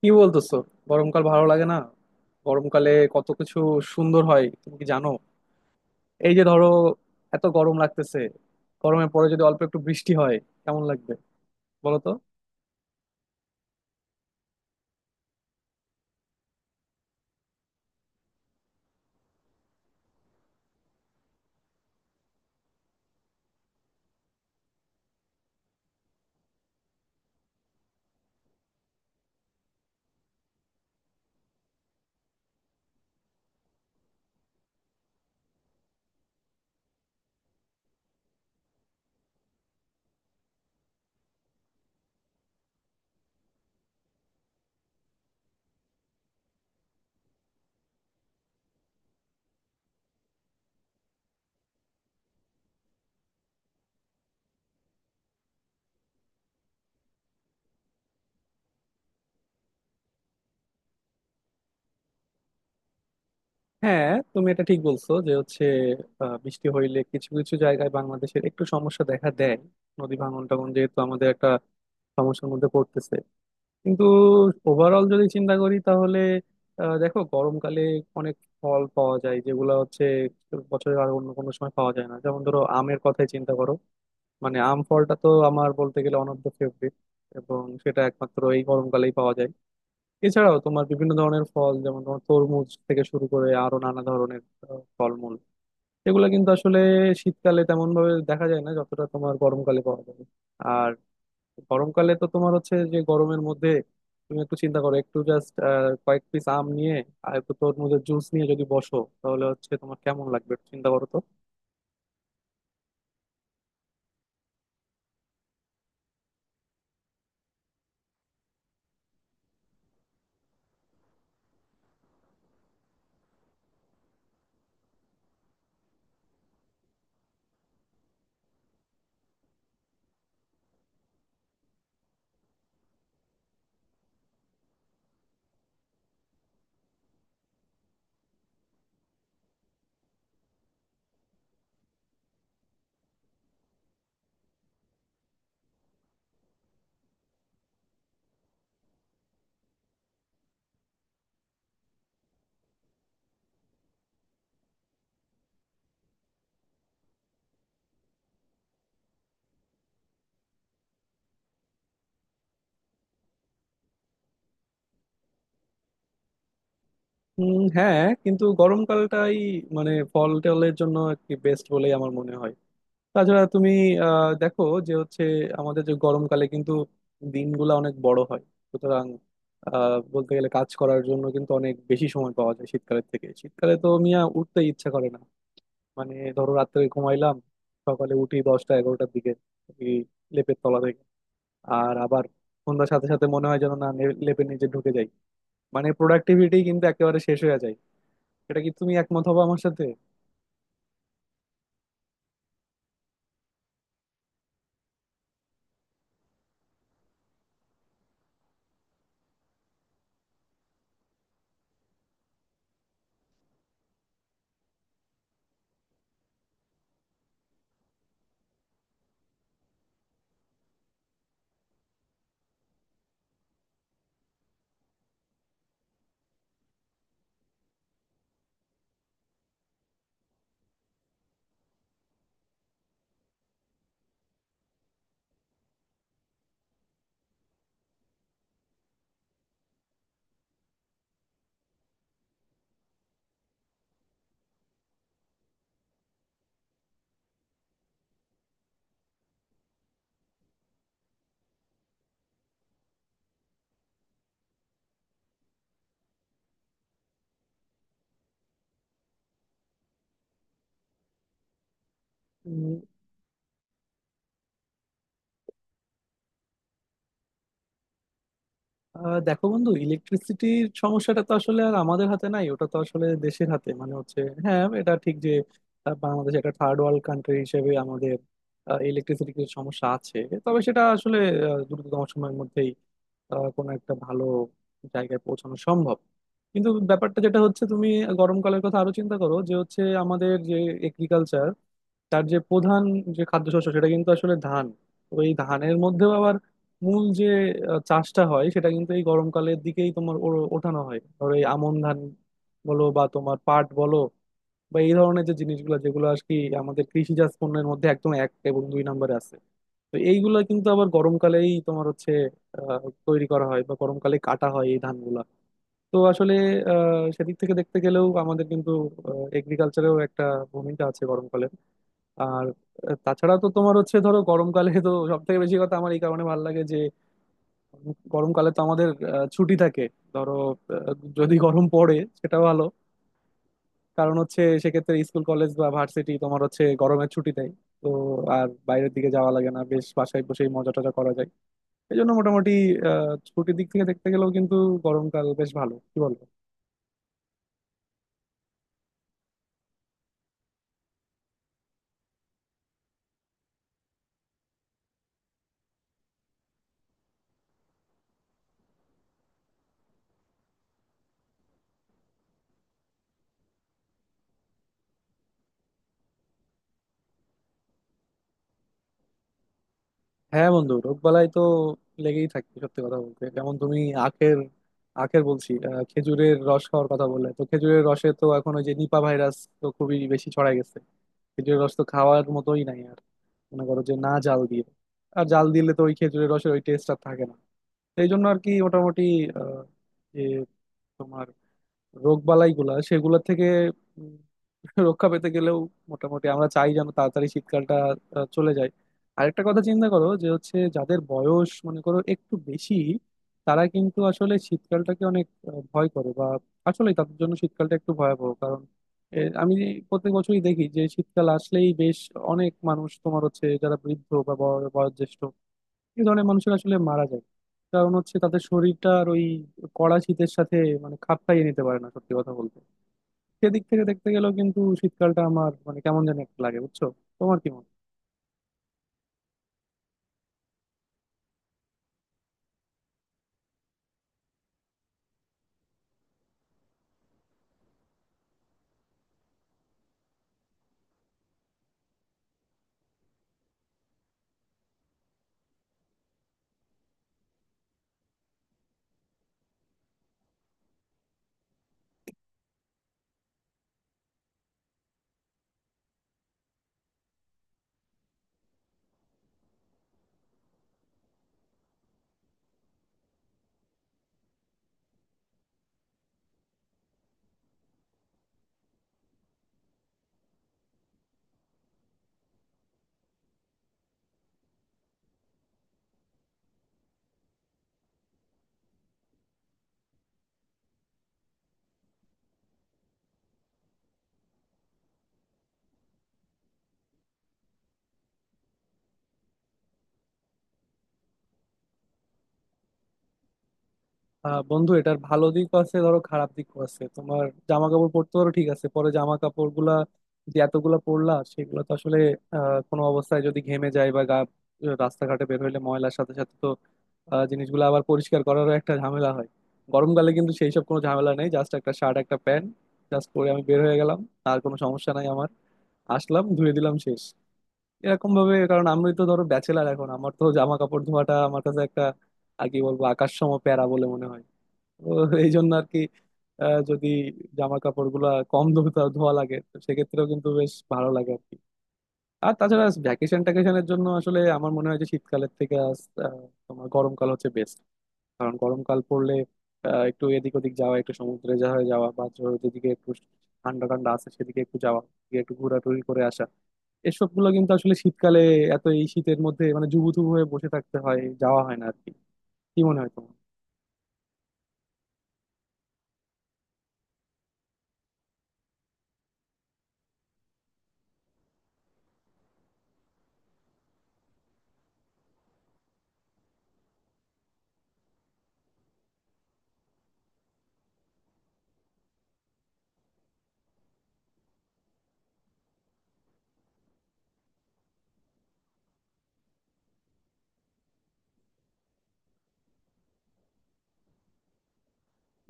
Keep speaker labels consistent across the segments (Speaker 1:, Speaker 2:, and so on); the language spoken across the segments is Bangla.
Speaker 1: কি বলতেছো? গরমকাল ভালো লাগে না? গরমকালে কত কিছু সুন্দর হয় তুমি কি জানো? এই যে ধরো, এত গরম লাগতেছে, গরমের পরে যদি অল্প একটু বৃষ্টি হয় কেমন লাগবে বলো তো। হ্যাঁ, তুমি এটা ঠিক বলছো যে হচ্ছে বৃষ্টি হইলে কিছু কিছু জায়গায় বাংলাদেশের একটু সমস্যা দেখা দেয়। নদী ভাঙন টাঙন যেহেতু আমাদের একটা সমস্যার মধ্যে পড়তেছে, কিন্তু ওভারঅল যদি চিন্তা করি তাহলে দেখো, গরমকালে অনেক ফল পাওয়া যায় যেগুলো হচ্ছে বছরের আর অন্য কোনো সময় পাওয়া যায় না। যেমন ধরো আমের কথাই চিন্তা করো, মানে আম ফলটা তো আমার বলতে গেলে অনবদ্য ফেভারিট, এবং সেটা একমাত্র এই গরমকালেই পাওয়া যায়। এছাড়াও তোমার বিভিন্ন ধরনের ফল, যেমন তোমার তরমুজ থেকে শুরু করে আরো নানা ধরনের ফলমূল, এগুলো কিন্তু আসলে শীতকালে তেমন ভাবে দেখা যায় না, যতটা তোমার গরমকালে পাওয়া যায়। আর গরমকালে তো তোমার হচ্ছে, যে গরমের মধ্যে তুমি একটু চিন্তা করো একটু জাস্ট কয়েক পিস আম নিয়ে আর একটু তরমুজের জুস নিয়ে যদি বসো, তাহলে হচ্ছে তোমার কেমন লাগবে একটু চিন্তা করো তো। হ্যাঁ, কিন্তু গরমকালটাই মানে ফল টলের জন্য একটি বেস্ট বলেই আমার মনে হয়। তাছাড়া তুমি দেখো, যে হচ্ছে আমাদের যে গরমকালে কিন্তু দিনগুলো অনেক বড় হয়। সুতরাং বলতে গেলে কাজ করার জন্য কিন্তু অনেক বেশি সময় পাওয়া যায় শীতকালের থেকে। শীতকালে তো মিয়া উঠতে ইচ্ছা করে না। মানে ধরো রাত্রে ঘুমাইলাম, সকালে উঠি দশটা এগারোটার দিকে ওই লেপের তলা থেকে। আর আবার সন্ধ্যার সাথে সাথে মনে হয় যেন না লেপের নিচে ঢুকে যাই। মানে প্রোডাক্টিভিটি কিন্তু একেবারে শেষ হয়ে যায়। এটা কি তুমি একমত হবো আমার সাথে? উম, দেখো বন্ধু, ইলেকট্রিসিটির সমস্যাটা তো আসলে আর আমাদের হাতে নাই, ওটা তো আসলে দেশের হাতে, মানে হচ্ছে হ্যাঁ, এটা ঠিক যে বাংলাদেশ একটা থার্ড ওয়ার্ল্ড কান্ট্রি হিসেবে আমাদের ইলেকট্রিসিটির কিছু সমস্যা আছে। তবে সেটা আসলে দ্রুততম সময়ের মধ্যেই কোনো একটা ভালো জায়গায় পৌঁছানো সম্ভব। কিন্তু ব্যাপারটা যেটা হচ্ছে, তুমি গরমকালের কথা আরো চিন্তা করো, যে হচ্ছে আমাদের যে এগ্রিকালচার, তার যে প্রধান যে খাদ্যশস্য সেটা কিন্তু আসলে ধান। তো এই ধানের মধ্যেও আবার মূল যে চাষটা হয়, সেটা কিন্তু এই গরমকালের দিকেই তোমার ওঠানো হয়। ধরো এই আমন ধান বলো বা তোমার পাট বলো, বা এই ধরনের যে জিনিসগুলো, যেগুলো আর কি আমাদের কৃষিজাত পণ্যের মধ্যে একদম এক এবং দুই নম্বরে আছে। তো এইগুলা কিন্তু আবার গরমকালেই তোমার হচ্ছে তৈরি করা হয় বা গরমকালে কাটা হয় এই ধানগুলা। তো আসলে সেদিক থেকে দেখতে গেলেও আমাদের কিন্তু এগ্রিকালচারেও একটা ভূমিকা আছে গরমকালে। আর তাছাড়া তো তোমার হচ্ছে, ধরো গরমকালে তো সব থেকে বেশি কথা আমার এই কারণে ভালো লাগে যে গরমকালে তো আমাদের ছুটি থাকে। ধরো আহ, যদি গরম পড়ে সেটা ভালো, কারণ হচ্ছে সেক্ষেত্রে স্কুল কলেজ বা ভার্সিটি তোমার হচ্ছে গরমের ছুটি দেয়। তো আর বাইরের দিকে যাওয়া লাগে না, বেশ বাসায় বসেই মজা টজা করা যায়। এই জন্য মোটামুটি ছুটির দিক থেকে দেখতে গেলেও কিন্তু গরমকাল বেশ ভালো, কি বলবো। হ্যাঁ বন্ধু, রোগবালাই তো লেগেই থাকে সত্যি কথা বলতে। যেমন তুমি আখের, আখের বলছি খেজুরের রস খাওয়ার কথা বললে, তো খেজুরের রসে তো এখন ওই যে নিপা ভাইরাস তো খুবই বেশি ছড়াই গেছে। খেজুরের রস তো খাওয়ার মতোই নাই আর, মনে করো যে না জাল দিয়ে। আর জাল দিলে তো ওই খেজুরের রসের ওই টেস্ট আর থাকে না। এই জন্য আর কি মোটামুটি আহ, যে তোমার রোগ বালাই গুলা সেগুলো থেকে উম, রক্ষা পেতে গেলেও মোটামুটি আমরা চাই যেন তাড়াতাড়ি শীতকালটা চলে যায়। আরেকটা কথা চিন্তা করো, যে হচ্ছে যাদের বয়স মনে করো একটু বেশি, তারা কিন্তু আসলে শীতকালটাকে অনেক ভয় করে, বা আসলে তাদের জন্য শীতকালটা একটু ভয়াবহ। কারণ আমি প্রত্যেক বছরই দেখি যে শীতকাল আসলেই বেশ অনেক মানুষ, তোমার হচ্ছে যারা বৃদ্ধ বা বয়োজ্যেষ্ঠ, এই ধরনের মানুষের আসলে মারা যায়। কারণ হচ্ছে তাদের শরীরটা আর ওই কড়া শীতের সাথে মানে খাপ খাইয়ে নিতে পারে না সত্যি কথা বলতে। সেদিক থেকে দেখতে গেলেও কিন্তু শীতকালটা আমার মানে কেমন জানি একটা লাগে, বুঝছো? তোমার কি মনে হয়? বন্ধু, এটার ভালো দিকও আছে, ধরো খারাপ দিকও আছে। তোমার জামা কাপড় পরতে পারো, ঠিক আছে, পরে জামা কাপড় গুলা যে এতগুলা পরলা সেগুলো তো আসলে কোনো অবস্থায় যদি ঘেমে যায় বা গা, রাস্তাঘাটে বের হইলে ময়লার সাথে সাথে তো জিনিসগুলো আবার পরিষ্কার করারও একটা ঝামেলা হয়। গরমকালে কিন্তু সেই সব কোনো ঝামেলা নেই, জাস্ট একটা শার্ট একটা প্যান্ট জাস্ট পরে আমি বের হয়ে গেলাম, আর কোনো সমস্যা নাই আমার। আসলাম, ধুয়ে দিলাম, শেষ, এরকম ভাবে। কারণ আমি তো ধরো ব্যাচেলার এখন, আমার তো জামা কাপড় ধোয়াটা আমার কাছে একটা আর কি বলবো, আকাশসম প্যারা বলে মনে হয়। তো এই জন্য আর কি, যদি জামা কাপড় গুলা কম ধোয়া লাগে, তো সেক্ষেত্রেও কিন্তু বেশ ভালো লাগে আর কি। আর তাছাড়া ভ্যাকেশন ট্যাকেশনের জন্য আসলে আমার মনে হয় যে শীতকালের থেকে তোমার গরমকাল হচ্ছে বেস্ট। কারণ গরমকাল পড়লে একটু এদিক ওদিক যাওয়া, একটু সমুদ্রে যাওয়া যাওয়া, বা ধরো যেদিকে একটু ঠান্ডা ঠান্ডা আছে সেদিকে একটু যাওয়া, গিয়ে একটু ঘোরাঘুরি করে আসা। এসব গুলো কিন্তু আসলে শীতকালে এত এই শীতের মধ্যে মানে জুবুথুবু হয়ে বসে থাকতে হয়, যাওয়া হয় না আর কি। কি মনে হয় তোমার?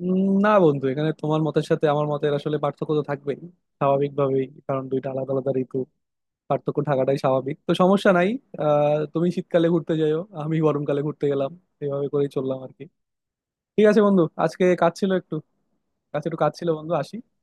Speaker 1: উম, না বন্ধু, এখানে তোমার মতের সাথে আমার মতের আসলে পার্থক্য তো থাকবেই স্বাভাবিকভাবেই, কারণ দুইটা আলাদা আলাদা ঋতু, পার্থক্য থাকাটাই স্বাভাবিক, তো সমস্যা নাই। তুমি শীতকালে ঘুরতে যাইও, আমি গরমকালে ঘুরতে গেলাম, এইভাবে করেই চললাম আর কি। ঠিক আছে বন্ধু, আজকে কাজ ছিল একটু, কাছে একটু কাজ ছিল বন্ধু, আসি।